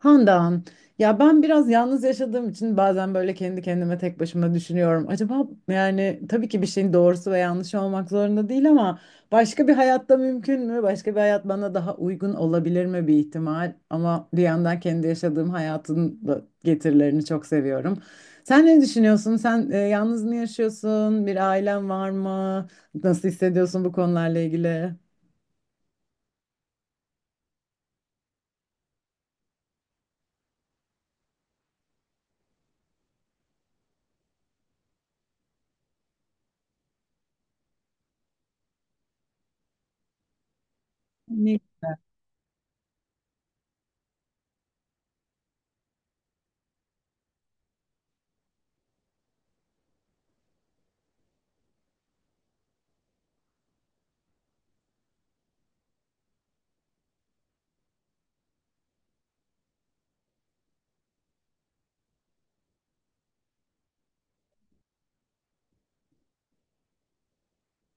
Handan, ya ben biraz yalnız yaşadığım için bazen böyle kendi kendime tek başıma düşünüyorum. Acaba yani tabii ki bir şeyin doğrusu ve yanlışı olmak zorunda değil ama başka bir hayatta mümkün mü? Başka bir hayat bana daha uygun olabilir mi bir ihtimal? Ama bir yandan kendi yaşadığım hayatın da getirilerini çok seviyorum. Sen ne düşünüyorsun? Sen yalnız mı yaşıyorsun? Bir ailen var mı? Nasıl hissediyorsun bu konularla ilgili? Ne?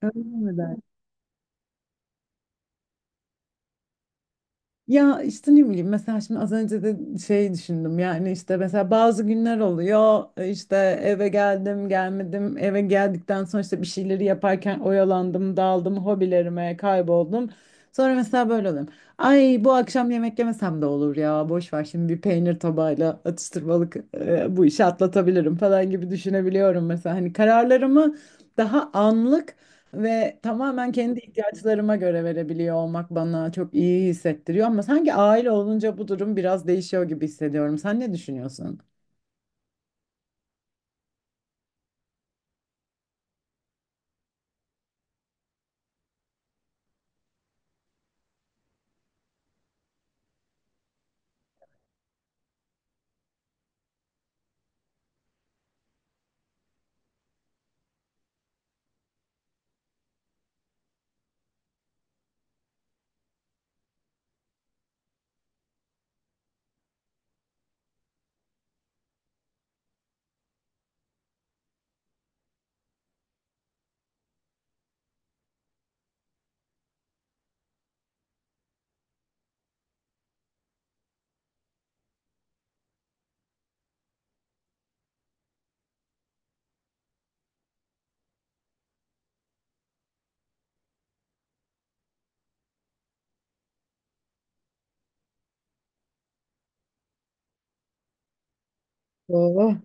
Öyle mi? Ya işte ne bileyim mesela şimdi az önce de şey düşündüm yani işte mesela bazı günler oluyor işte eve geldim gelmedim eve geldikten sonra işte bir şeyleri yaparken oyalandım daldım hobilerime kayboldum sonra mesela böyle oluyorum ay bu akşam yemek yemesem de olur ya boş ver şimdi bir peynir tabağıyla atıştırmalık bu işi atlatabilirim falan gibi düşünebiliyorum mesela hani kararlarımı daha anlık ve tamamen kendi ihtiyaçlarıma göre verebiliyor olmak bana çok iyi hissettiriyor ama sanki aile olunca bu durum biraz değişiyor gibi hissediyorum. Sen ne düşünüyorsun? Doğru.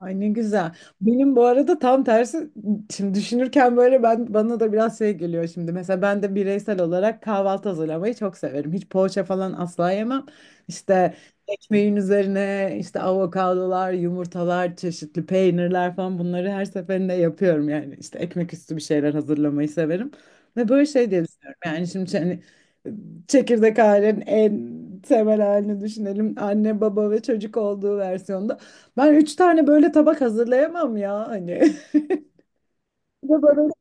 Ay ne güzel. Benim bu arada tam tersi şimdi düşünürken böyle ben bana da biraz şey geliyor şimdi. Mesela ben de bireysel olarak kahvaltı hazırlamayı çok severim. Hiç poğaça falan asla yemem. İşte ekmeğin üzerine işte avokadolar, yumurtalar, çeşitli peynirler falan bunları her seferinde yapıyorum yani. İşte ekmek üstü bir şeyler hazırlamayı severim. Ve böyle şey diye düşünüyorum. Yani şimdi hani çekirdek ailenin en temel halini düşünelim. Anne, baba ve çocuk olduğu versiyonda. Ben üç tane böyle tabak hazırlayamam ya hani. Bir de böyle-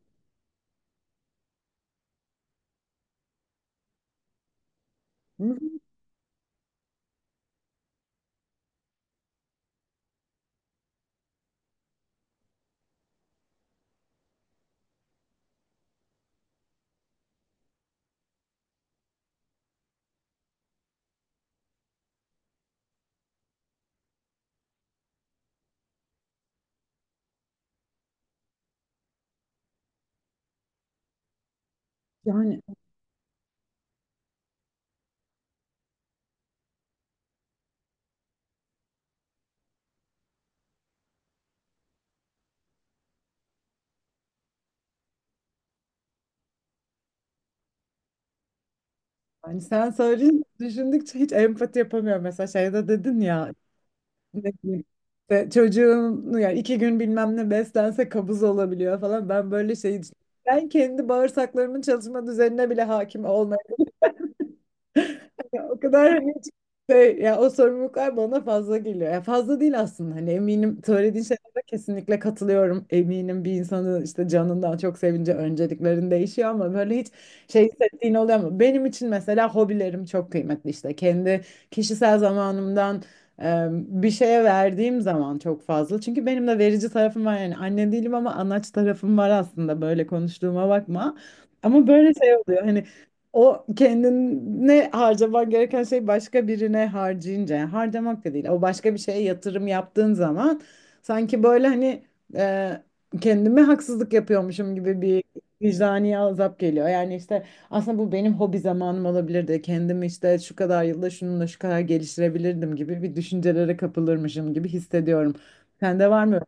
Yani, yani, sen söyleyince düşündükçe hiç empati yapamıyorum. Mesela şeyde dedin ya ne bileyim, işte çocuğun yani iki gün bilmem ne beslense kabız olabiliyor falan. Ben böyle şey ben kendi bağırsaklarımın çalışma düzenine bile hakim. Ya o kadar hani hiç şey, ya o sorumluluklar bana fazla geliyor. Ya fazla değil aslında. Hani eminim söylediğin şeylere kesinlikle katılıyorum. Eminim bir insanın işte canından çok sevince önceliklerin değişiyor ama böyle hiç şey hissettiğin oluyor mu? Benim için mesela hobilerim çok kıymetli işte. Kendi kişisel zamanımdan bir şeye verdiğim zaman çok fazla. Çünkü benim de verici tarafım var yani anne değilim ama anaç tarafım var aslında böyle konuştuğuma bakma. Ama böyle şey oluyor hani o kendine harcaman gereken şey başka birine harcayınca yani harcamak da değil. O başka bir şeye yatırım yaptığın zaman sanki böyle hani e, kendime haksızlık yapıyormuşum gibi bir vicdani azap geliyor. Yani işte aslında bu benim hobi zamanım olabilirdi. Kendimi işte şu kadar yılda şununla şu kadar geliştirebilirdim gibi bir düşüncelere kapılırmışım gibi hissediyorum. Sende var mı? Öyle?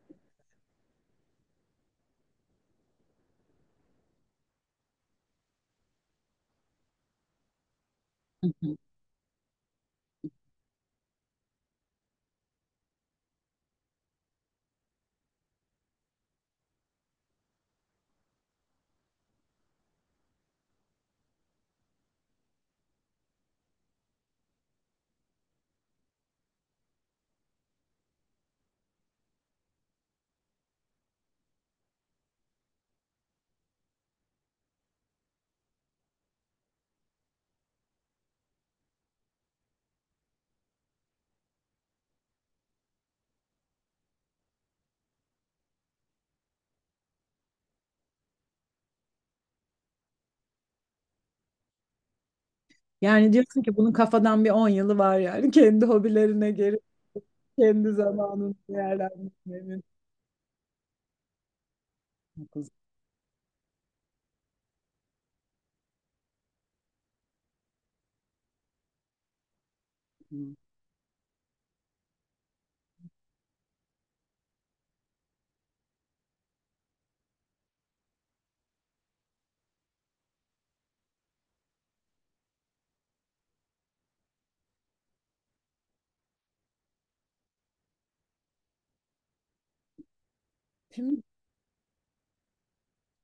Yani diyorsun ki bunun kafadan bir 10 yılı var yani kendi hobilerine geri kendi zamanını değerlendirmenin haklısın. Şimdi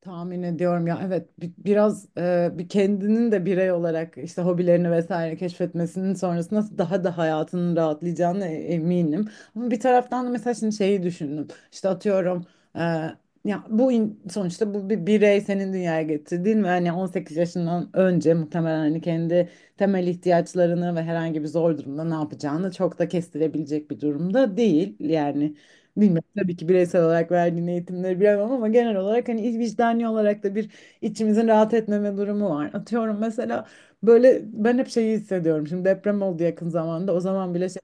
tahmin ediyorum ya evet biraz bir kendinin de birey olarak işte hobilerini vesaire keşfetmesinin sonrasında daha da hayatının rahatlayacağına eminim. Ama bir taraftan da mesela şimdi şeyi düşündüm. İşte atıyorum e, ya bu sonuçta bu bir birey senin dünyaya getirdiğin ve hani 18 yaşından önce muhtemelen hani kendi temel ihtiyaçlarını ve herhangi bir zor durumda ne yapacağını çok da kestirebilecek bir durumda değil. Yani bilmiyorum tabii ki bireysel olarak verdiğin eğitimleri bilemem ama genel olarak hani vicdani olarak da bir içimizin rahat etmeme durumu var. Atıyorum mesela böyle ben hep şeyi hissediyorum. Şimdi deprem oldu yakın zamanda. O zaman bile şey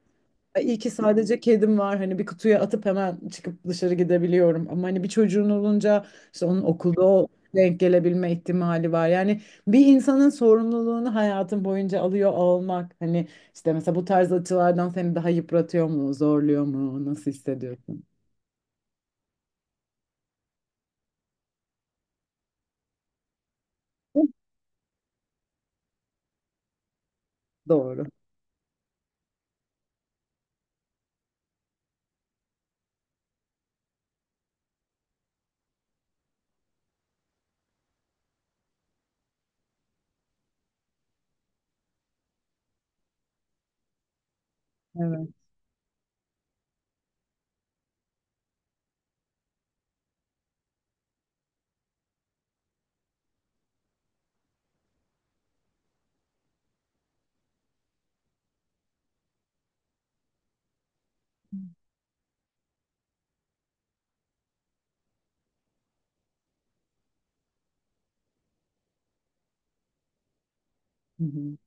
"Ay, iyi ki sadece kedim var. Hani bir kutuya atıp hemen çıkıp dışarı gidebiliyorum. Ama hani bir çocuğun olunca işte onun okulda o denk gelebilme ihtimali var. Yani bir insanın sorumluluğunu hayatın boyunca alıyor olmak. Hani işte mesela bu tarz açılardan seni daha yıpratıyor mu, zorluyor mu, nasıl hissediyorsun? Doğru. Evet. Hı hı.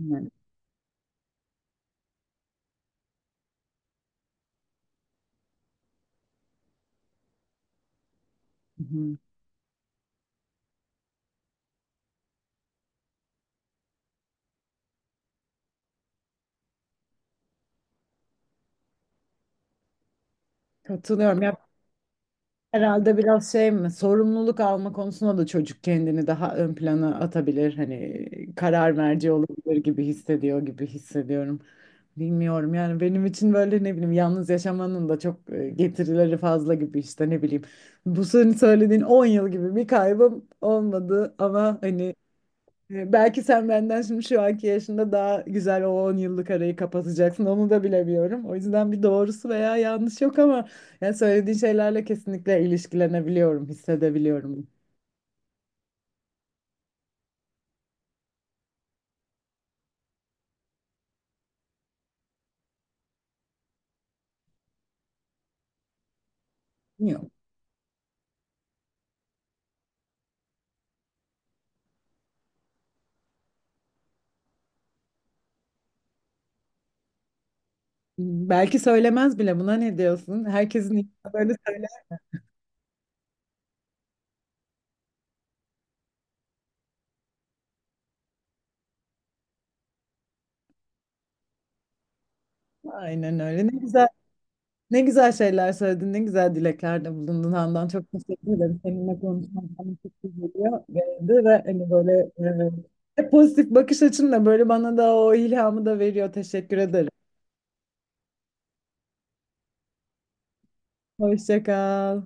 Evet. Hı hı. Katılıyorum. Ya herhalde biraz şey mi? Sorumluluk alma konusunda da çocuk kendini daha ön plana atabilir. Hani karar merci olabilir gibi hissediyor gibi hissediyorum. Bilmiyorum yani benim için böyle ne bileyim yalnız yaşamanın da çok getirileri fazla gibi işte ne bileyim. Bu senin söylediğin 10 yıl gibi bir kaybım olmadı ama hani belki sen benden şimdi şu anki yaşında daha güzel o 10 yıllık arayı kapatacaksın. Onu da bilemiyorum. O yüzden bir doğrusu veya yanlış yok ama yani söylediğin şeylerle kesinlikle ilişkilenebiliyorum, hissedebiliyorum. Yok. Belki söylemez bile. Buna ne diyorsun? Herkesin ilk böyle söyler mi? Aynen öyle. Ne güzel. Ne güzel şeyler söyledin, ne güzel dileklerde bulundun Handan. Çok teşekkür ederim. Seninle konuşmak bana çok iyi geldi ve hani böyle e, hep pozitif bakış açınla böyle bana da o ilhamı da veriyor. Teşekkür ederim. Hoşça kal.